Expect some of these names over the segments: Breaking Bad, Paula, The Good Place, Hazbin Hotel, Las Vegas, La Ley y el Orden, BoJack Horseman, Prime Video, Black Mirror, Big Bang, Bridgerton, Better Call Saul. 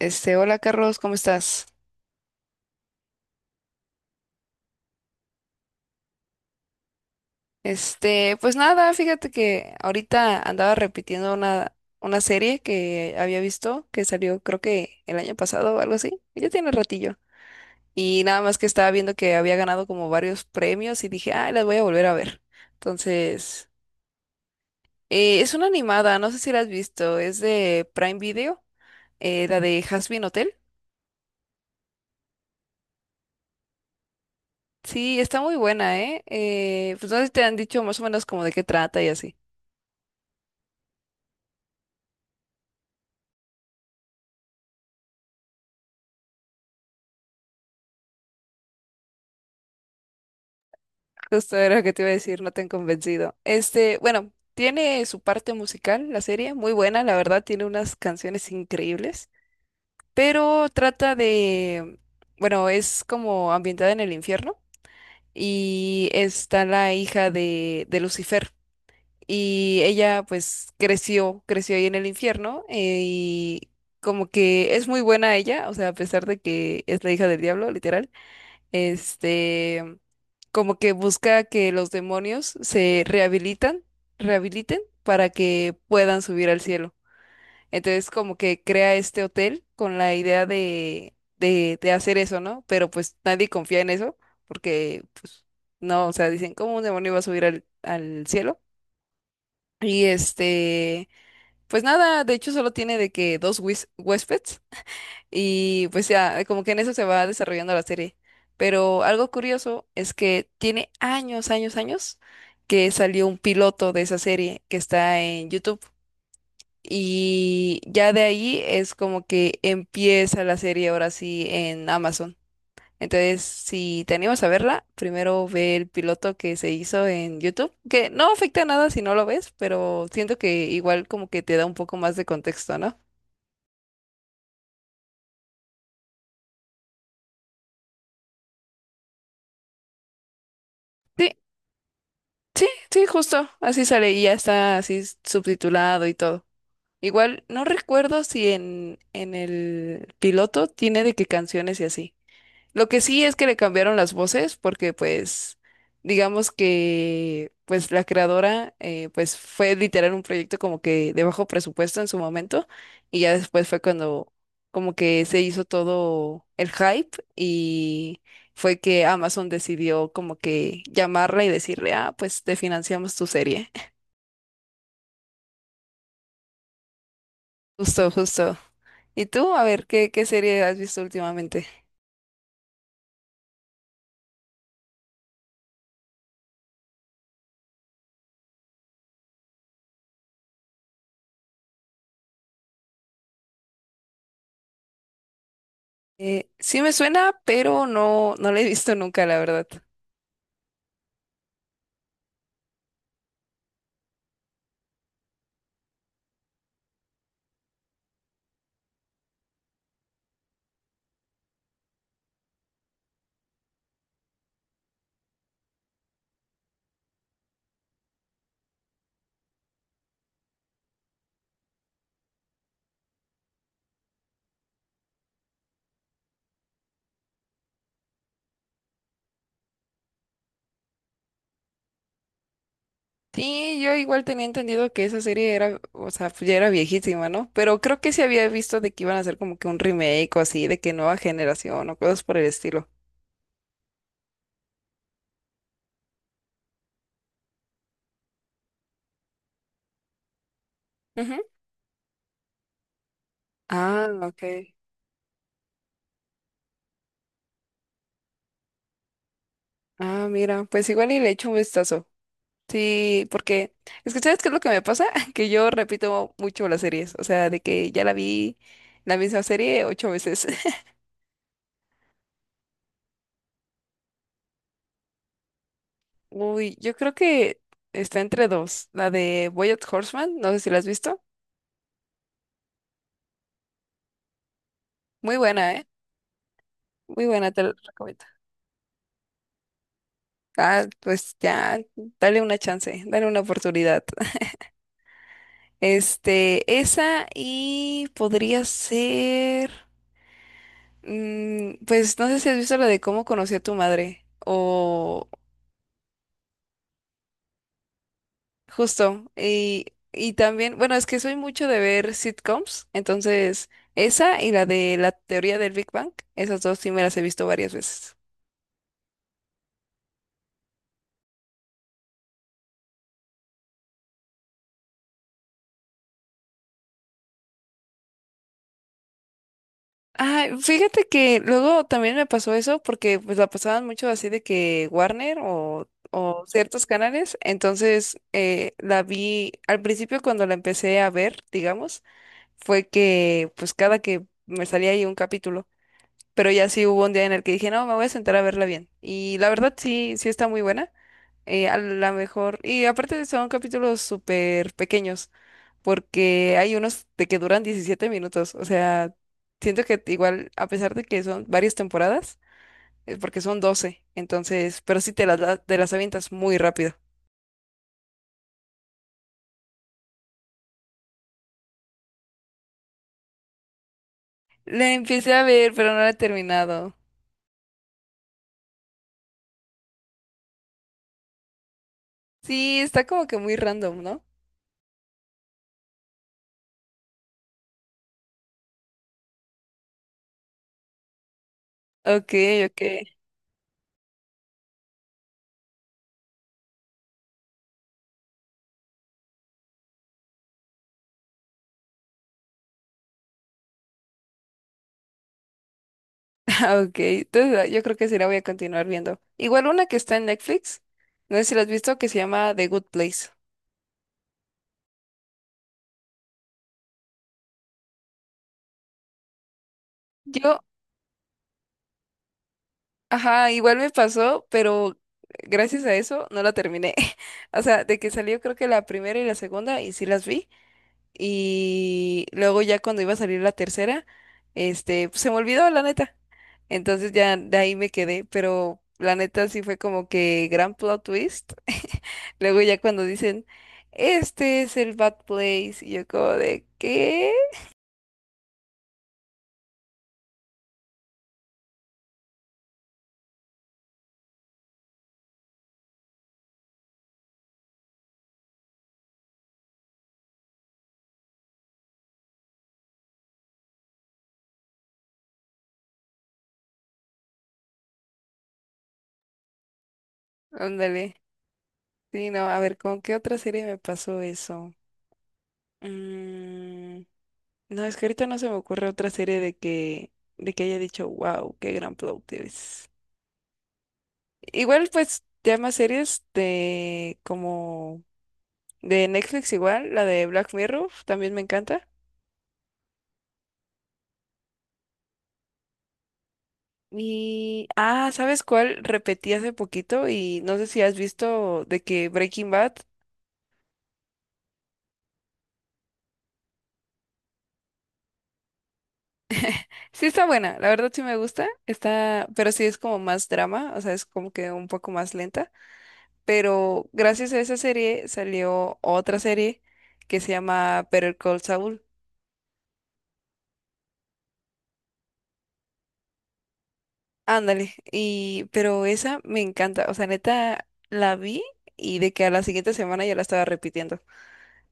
Hola Carlos, ¿cómo estás? Pues nada, fíjate que ahorita andaba repitiendo una serie que había visto, que salió creo que el año pasado o algo así, ya tiene ratillo. Y nada más que estaba viendo que había ganado como varios premios y dije, ah, las voy a volver a ver. Entonces, es una animada, no sé si la has visto, es de Prime Video, la de Hazbin Hotel. Sí, está muy buena, ¿eh? Pues no sé si te han dicho más o menos como de qué trata y así. Justo era lo que te iba a decir, no te han convencido. Bueno, tiene su parte musical, la serie, muy buena, la verdad, tiene unas canciones increíbles, pero trata de, bueno, es como ambientada en el infierno y está la hija de Lucifer y ella pues creció ahí en el infierno y como que es muy buena ella, o sea, a pesar de que es la hija del diablo, literal, este, como que busca que los demonios se rehabiliten para que puedan subir al cielo. Entonces, como que crea este hotel con la idea de hacer eso, ¿no? Pero pues nadie confía en eso, porque pues no, o sea, dicen, ¿cómo un demonio va a subir al cielo? Y pues nada, de hecho solo tiene de que dos huéspedes y pues ya, como que en eso se va desarrollando la serie. Pero algo curioso es que tiene años, años, años que salió un piloto de esa serie que está en YouTube. Y ya de ahí es como que empieza la serie ahora sí en Amazon. Entonces, si te animas a verla, primero ve el piloto que se hizo en YouTube, que no afecta nada si no lo ves, pero siento que igual como que te da un poco más de contexto, ¿no? Sí. Sí, sí, justo, así sale y ya está así subtitulado y todo. Igual no recuerdo si en el piloto tiene de qué canciones y así. Lo que sí es que le cambiaron las voces porque pues digamos que pues la creadora, pues fue literal un proyecto como que de bajo presupuesto en su momento y ya después fue cuando como que se hizo todo el hype y fue que Amazon decidió como que llamarla y decirle, ah, pues te financiamos tu serie. Justo, justo. ¿Y tú? A ver, ¿qué, qué serie has visto últimamente? Sí me suena, pero no, no la he visto nunca, la verdad. Sí, yo igual tenía entendido que esa serie era, o sea, pues ya era viejísima, ¿no? Pero creo que sí había visto de que iban a hacer como que un remake o así, de que nueva generación o cosas por el estilo. Ujú. Ah, ok. Ah, mira, pues igual y le echo un vistazo. Sí, porque es que ¿sabes qué es lo que me pasa? Que yo repito mucho las series, o sea, de que ya la vi la misma serie ocho veces. Uy, yo creo que está entre dos, la de BoJack Horseman, no sé si la has visto. Muy buena, ¿eh? Muy buena, te la recomiendo. Ah, pues ya, dale una chance, dale una oportunidad. Esa y podría ser, mm, pues no sé si has visto la de cómo conocí a tu madre o justo. Y también, bueno, es que soy mucho de ver sitcoms, entonces esa y la de la teoría del Big Bang, esas dos sí me las he visto varias veces. Ay, fíjate que luego también me pasó eso porque pues la pasaban mucho así de que Warner o ciertos canales, entonces la vi al principio cuando la empecé a ver, digamos, fue que pues cada que me salía ahí un capítulo, pero ya sí hubo un día en el que dije, no, me voy a sentar a verla bien. Y la verdad sí, sí está muy buena, a la mejor, y aparte son capítulos súper pequeños porque hay unos de que duran 17 minutos. O sea, siento que igual, a pesar de que son varias temporadas, porque son 12 entonces, pero sí te las, te las avientas muy rápido. La empecé a ver, pero no la he terminado. Sí, está como que muy random, ¿no? Ok, ok, ok. Entonces, yo creo que sí la voy a continuar viendo. Igual una que está en Netflix, no sé si la has visto, que se llama The Good Place. Yo. Ajá, igual me pasó, pero gracias a eso no la terminé. O sea, de que salió creo que la primera y la segunda y sí las vi. Y luego ya cuando iba a salir la tercera, pues, se me olvidó la neta. Entonces ya de ahí me quedé, pero la neta sí fue como que gran plot twist. Luego ya cuando dicen, este es el Bad Place, y yo como de, ¿qué? Ándale. Sí, no, a ver, ¿con qué otra serie me pasó eso? Mm. No, es que ahorita no se me ocurre otra serie de que haya dicho, wow, qué gran plot twist. Igual, pues, ya más series de como de Netflix igual, la de Black Mirror, también me encanta. Y, ah, ¿sabes cuál? Repetí hace poquito y no sé si has visto de que Breaking Bad. Sí está buena, la verdad sí me gusta, está, pero sí es como más drama, o sea, es como que un poco más lenta. Pero gracias a esa serie salió otra serie que se llama Better Call Saul. Ándale, y pero esa me encanta, o sea, neta la vi y de que a la siguiente semana ya la estaba repitiendo,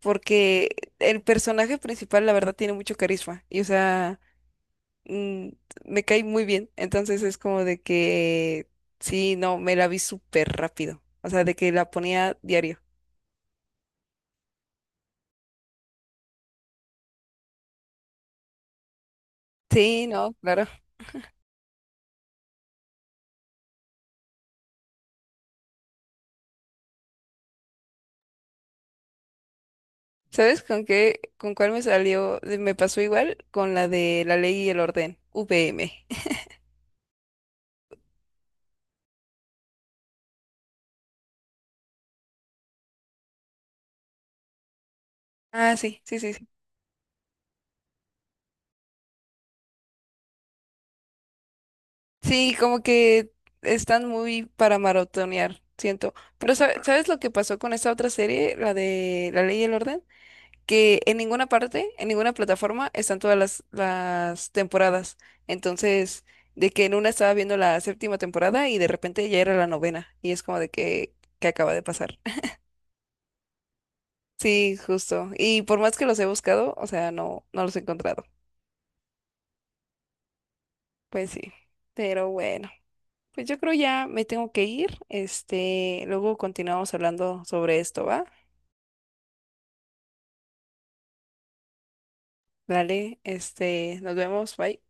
porque el personaje principal la verdad tiene mucho carisma y o sea, mm, me cae muy bien, entonces es como de que sí, no, me la vi súper rápido, o sea, de que la ponía diario. Sí, no, claro. ¿Sabes con qué, con cuál me salió? Me pasó igual con la de La Ley y el Orden, VM. Ah, sí, sí, sí, sí. Sí, como que están muy para maratonear, siento. Pero ¿sabes lo que pasó con esta otra serie, la de La Ley y el Orden? Que en ninguna parte, en ninguna plataforma están todas las temporadas. Entonces, de que en una estaba viendo la séptima temporada y de repente ya era la novena. Y es como de que, ¿qué acaba de pasar? Sí, justo. Y por más que los he buscado, o sea, no, no los he encontrado. Pues sí. Pero bueno, pues yo creo ya me tengo que ir. Luego continuamos hablando sobre esto, ¿va? Dale, este, nos vemos, bye.